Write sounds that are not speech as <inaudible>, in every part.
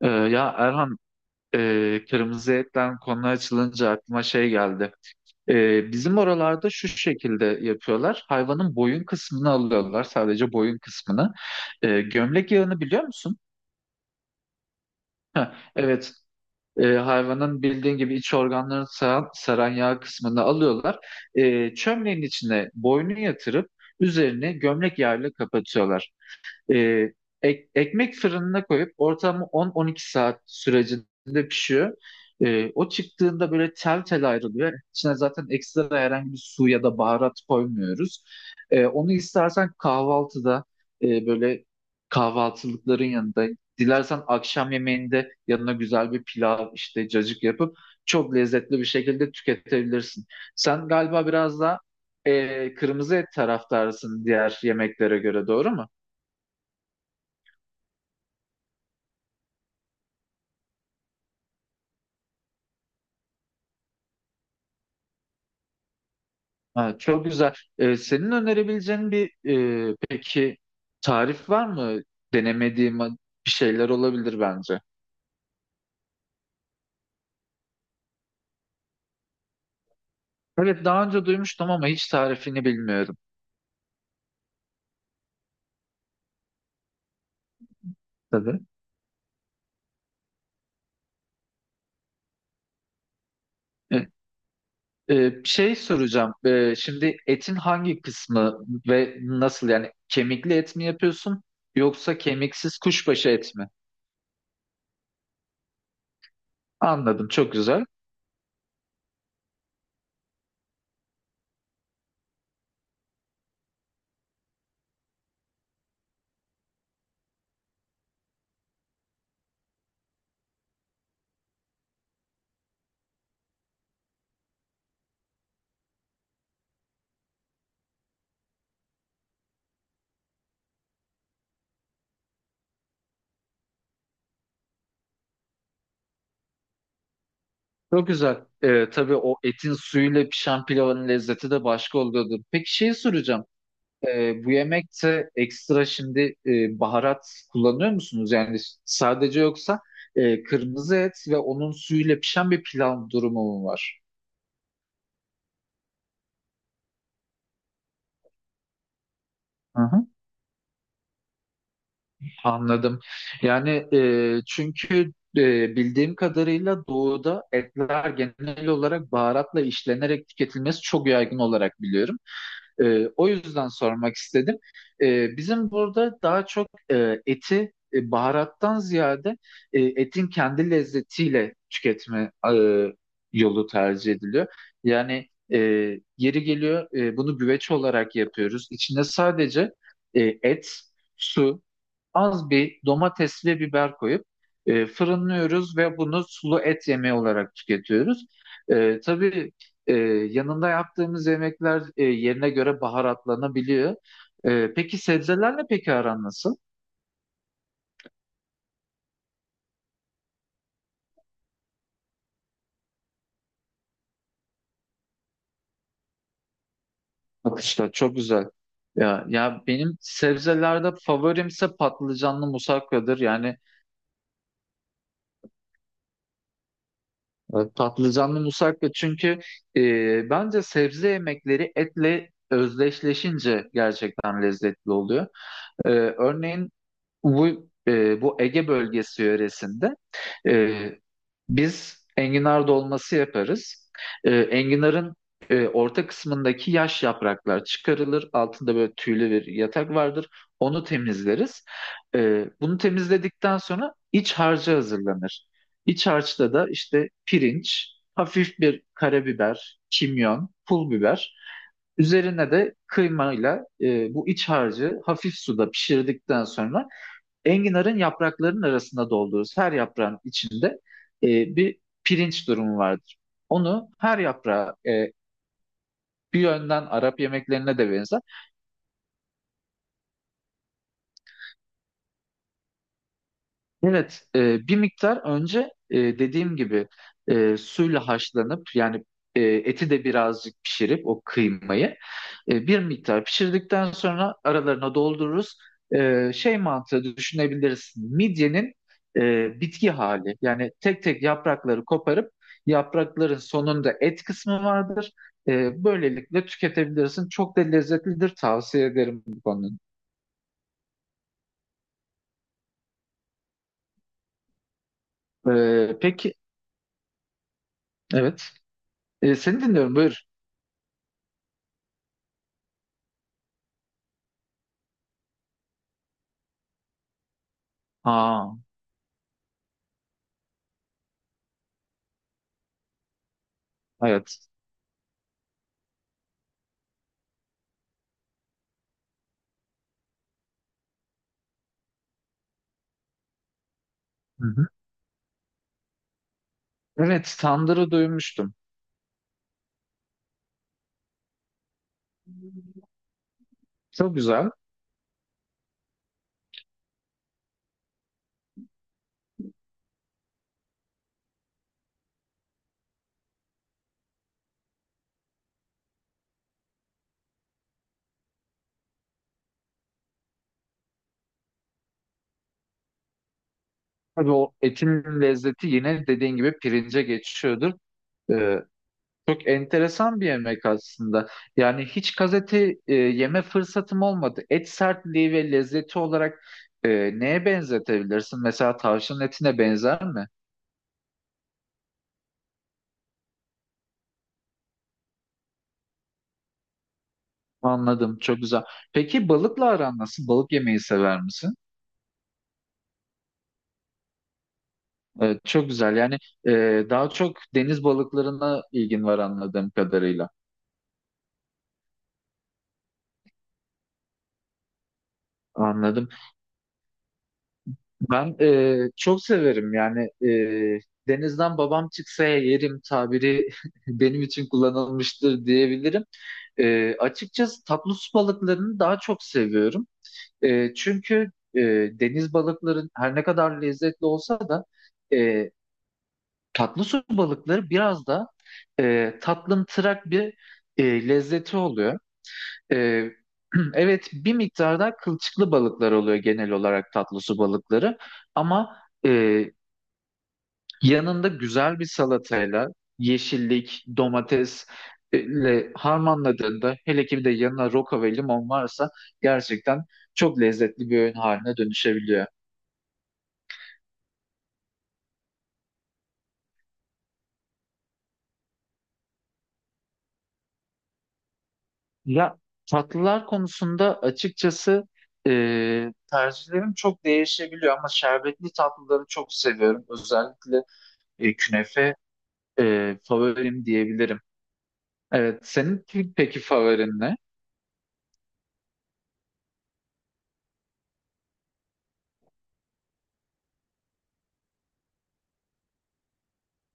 Ya Erhan, kırmızı etten konu açılınca aklıma şey geldi. Bizim oralarda şu şekilde yapıyorlar. Hayvanın boyun kısmını alıyorlar, sadece boyun kısmını. Gömlek yağını biliyor musun? Heh, evet. Hayvanın bildiğin gibi iç organlarını saran yağ kısmını alıyorlar. Çömleğin içine boynu yatırıp üzerine gömlek yağıyla kapatıyorlar. Ee, Ekmek fırınına koyup ortamı 10-12 saat sürecinde pişiyor. O çıktığında böyle tel tel ayrılıyor. İçine zaten ekstra herhangi bir su ya da baharat koymuyoruz. Onu istersen kahvaltıda böyle kahvaltılıkların yanında, dilersen akşam yemeğinde yanına güzel bir pilav işte cacık yapıp çok lezzetli bir şekilde tüketebilirsin. Sen galiba biraz daha kırmızı et taraftarısın diğer yemeklere göre, doğru mu? Ha, çok güzel. Senin önerebileceğin bir peki tarif var mı? Denemediğim bir şeyler olabilir bence. Evet daha önce duymuştum ama hiç tarifini bilmiyorum. Tabii. E, Bir şey soracağım. Şimdi etin hangi kısmı ve nasıl yani kemikli et mi yapıyorsun yoksa kemiksiz kuşbaşı et mi? Anladım. Çok güzel. Çok güzel. Tabii o etin suyuyla pişen pilavın lezzeti de başka oluyordur. Peki şey soracağım. Bu yemekte ekstra şimdi baharat kullanıyor musunuz? Yani sadece yoksa kırmızı et ve onun suyuyla pişen bir pilav durumu mu var? Hı hı. Anladım. Yani çünkü bildiğim kadarıyla doğuda etler genel olarak baharatla işlenerek tüketilmesi çok yaygın olarak biliyorum. O yüzden sormak istedim. Bizim burada daha çok eti baharattan ziyade etin kendi lezzetiyle tüketme yolu tercih ediliyor. Yani e, yeri geliyor bunu güveç olarak yapıyoruz. İçine sadece et, su az bir domates ve biber koyup fırınlıyoruz ve bunu sulu et yemeği olarak tüketiyoruz. Tabii e, yanında yaptığımız yemekler yerine göre baharatlanabiliyor. Peki sebzelerle peki aran nasıl? Bak işte çok güzel. Ya, ya benim sebzelerde favorimse patlıcanlı musakkadır. Yani patlıcanlı musakka çünkü e, bence sebze yemekleri etle özdeşleşince gerçekten lezzetli oluyor. Ee, Örneğin bu Ege bölgesi yöresinde e, biz enginar dolması yaparız. Enginarın orta kısmındaki yaş yapraklar çıkarılır. Altında böyle tüylü bir yatak vardır. Onu temizleriz. Bunu temizledikten sonra iç harcı hazırlanır. İç harçta da işte pirinç, hafif bir karabiber, kimyon, pul biber. Üzerine de kıymayla bu iç harcı hafif suda pişirdikten sonra enginarın yapraklarının arasında doldururuz. Her yaprağın içinde e, bir pirinç durumu vardır. Onu her yaprağa bir yönden Arap yemeklerine de benzer. Evet, bir miktar önce dediğim gibi suyla haşlanıp yani eti de birazcık pişirip o kıymayı bir miktar pişirdikten sonra aralarına doldururuz. Şey mantığı düşünebiliriz. Midyenin bitki hali yani tek tek yaprakları koparıp yaprakların sonunda et kısmı vardır. Böylelikle tüketebilirsin. Çok da lezzetlidir. Tavsiye ederim bu konunun. Peki, evet. Seni dinliyorum. Buyur. Aa. Evet. Hı hı. Evet, tandırı duymuştum. Çok güzel. Tabii o etin lezzeti yine dediğin gibi pirince geçiyordur. Ee, Çok enteresan bir yemek aslında. Yani hiç gazete yeme fırsatım olmadı. Et sertliği ve lezzeti olarak e, neye benzetebilirsin? Mesela tavşanın etine benzer mi? Anladım, çok güzel. Peki balıkla aran nasıl? Balık yemeyi sever misin? Çok güzel. Yani daha çok deniz balıklarına ilgin var anladığım kadarıyla. Anladım. Ben çok severim. Yani denizden babam çıksa yerim tabiri <laughs> benim için kullanılmıştır diyebilirim. Açıkçası tatlı su balıklarını daha çok seviyorum. Çünkü deniz balıkların her ne kadar lezzetli olsa da e, tatlı su balıkları biraz da tatlımtırak bir lezzeti oluyor. E, <clears throat> evet bir miktar da kılçıklı balıklar oluyor genel olarak tatlı su balıkları ama e, yanında güzel bir salatayla yeşillik, domatesle harmanladığında hele ki bir de yanına roka ve limon varsa gerçekten çok lezzetli bir öğün haline dönüşebiliyor. Ya tatlılar konusunda açıkçası tercihlerim çok değişebiliyor ama şerbetli tatlıları çok seviyorum. Özellikle künefe favorim diyebilirim. Evet, senin peki favorin ne?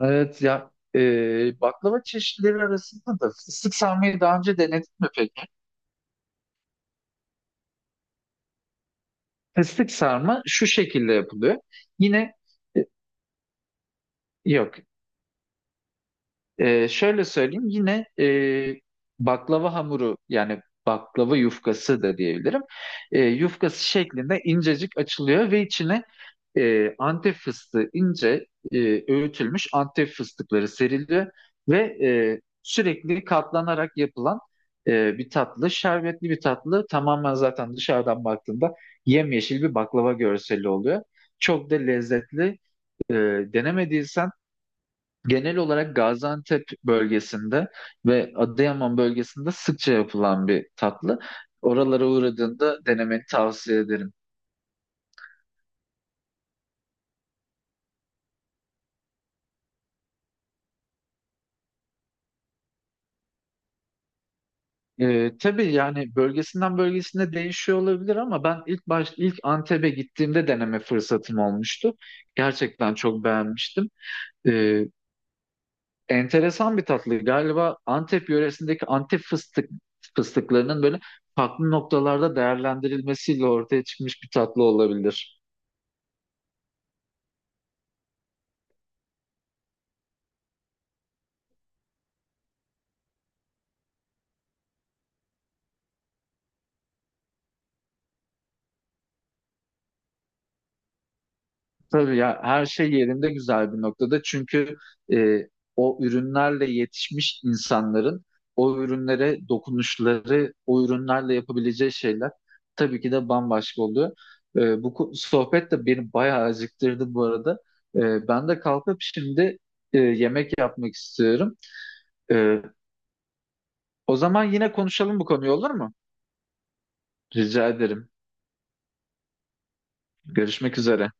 Evet ya baklava çeşitleri arasında da fıstık sarmayı daha önce denedin mi peki? Fıstık sarma şu şekilde yapılıyor. Yine e, yok Şöyle söyleyeyim yine baklava hamuru yani baklava yufkası da diyebilirim. Yufkası şeklinde incecik açılıyor ve içine Antep fıstığı ince öğütülmüş Antep fıstıkları seriliyor ve sürekli katlanarak yapılan bir tatlı, şerbetli bir tatlı. Tamamen zaten dışarıdan baktığında yemyeşil bir baklava görseli oluyor. Çok da lezzetli. E, Denemediysen genel olarak Gaziantep bölgesinde ve Adıyaman bölgesinde sıkça yapılan bir tatlı. Oralara uğradığında denemeni tavsiye ederim. Tabii yani bölgesinden bölgesine değişiyor olabilir ama ben ilk Antep'e gittiğimde deneme fırsatım olmuştu. Gerçekten çok beğenmiştim. Ee, Enteresan bir tatlı. Galiba Antep yöresindeki Antep fıstıklarının böyle farklı noktalarda değerlendirilmesiyle ortaya çıkmış bir tatlı olabilir. Tabii ya her şey yerinde güzel bir noktada. Çünkü e, o ürünlerle yetişmiş insanların o ürünlere dokunuşları, o ürünlerle yapabileceği şeyler tabii ki de bambaşka oluyor. Bu sohbet de beni bayağı acıktırdı bu arada. Ben de kalkıp şimdi yemek yapmak istiyorum. E, O zaman yine konuşalım bu konuyu olur mu? Rica ederim. Görüşmek üzere.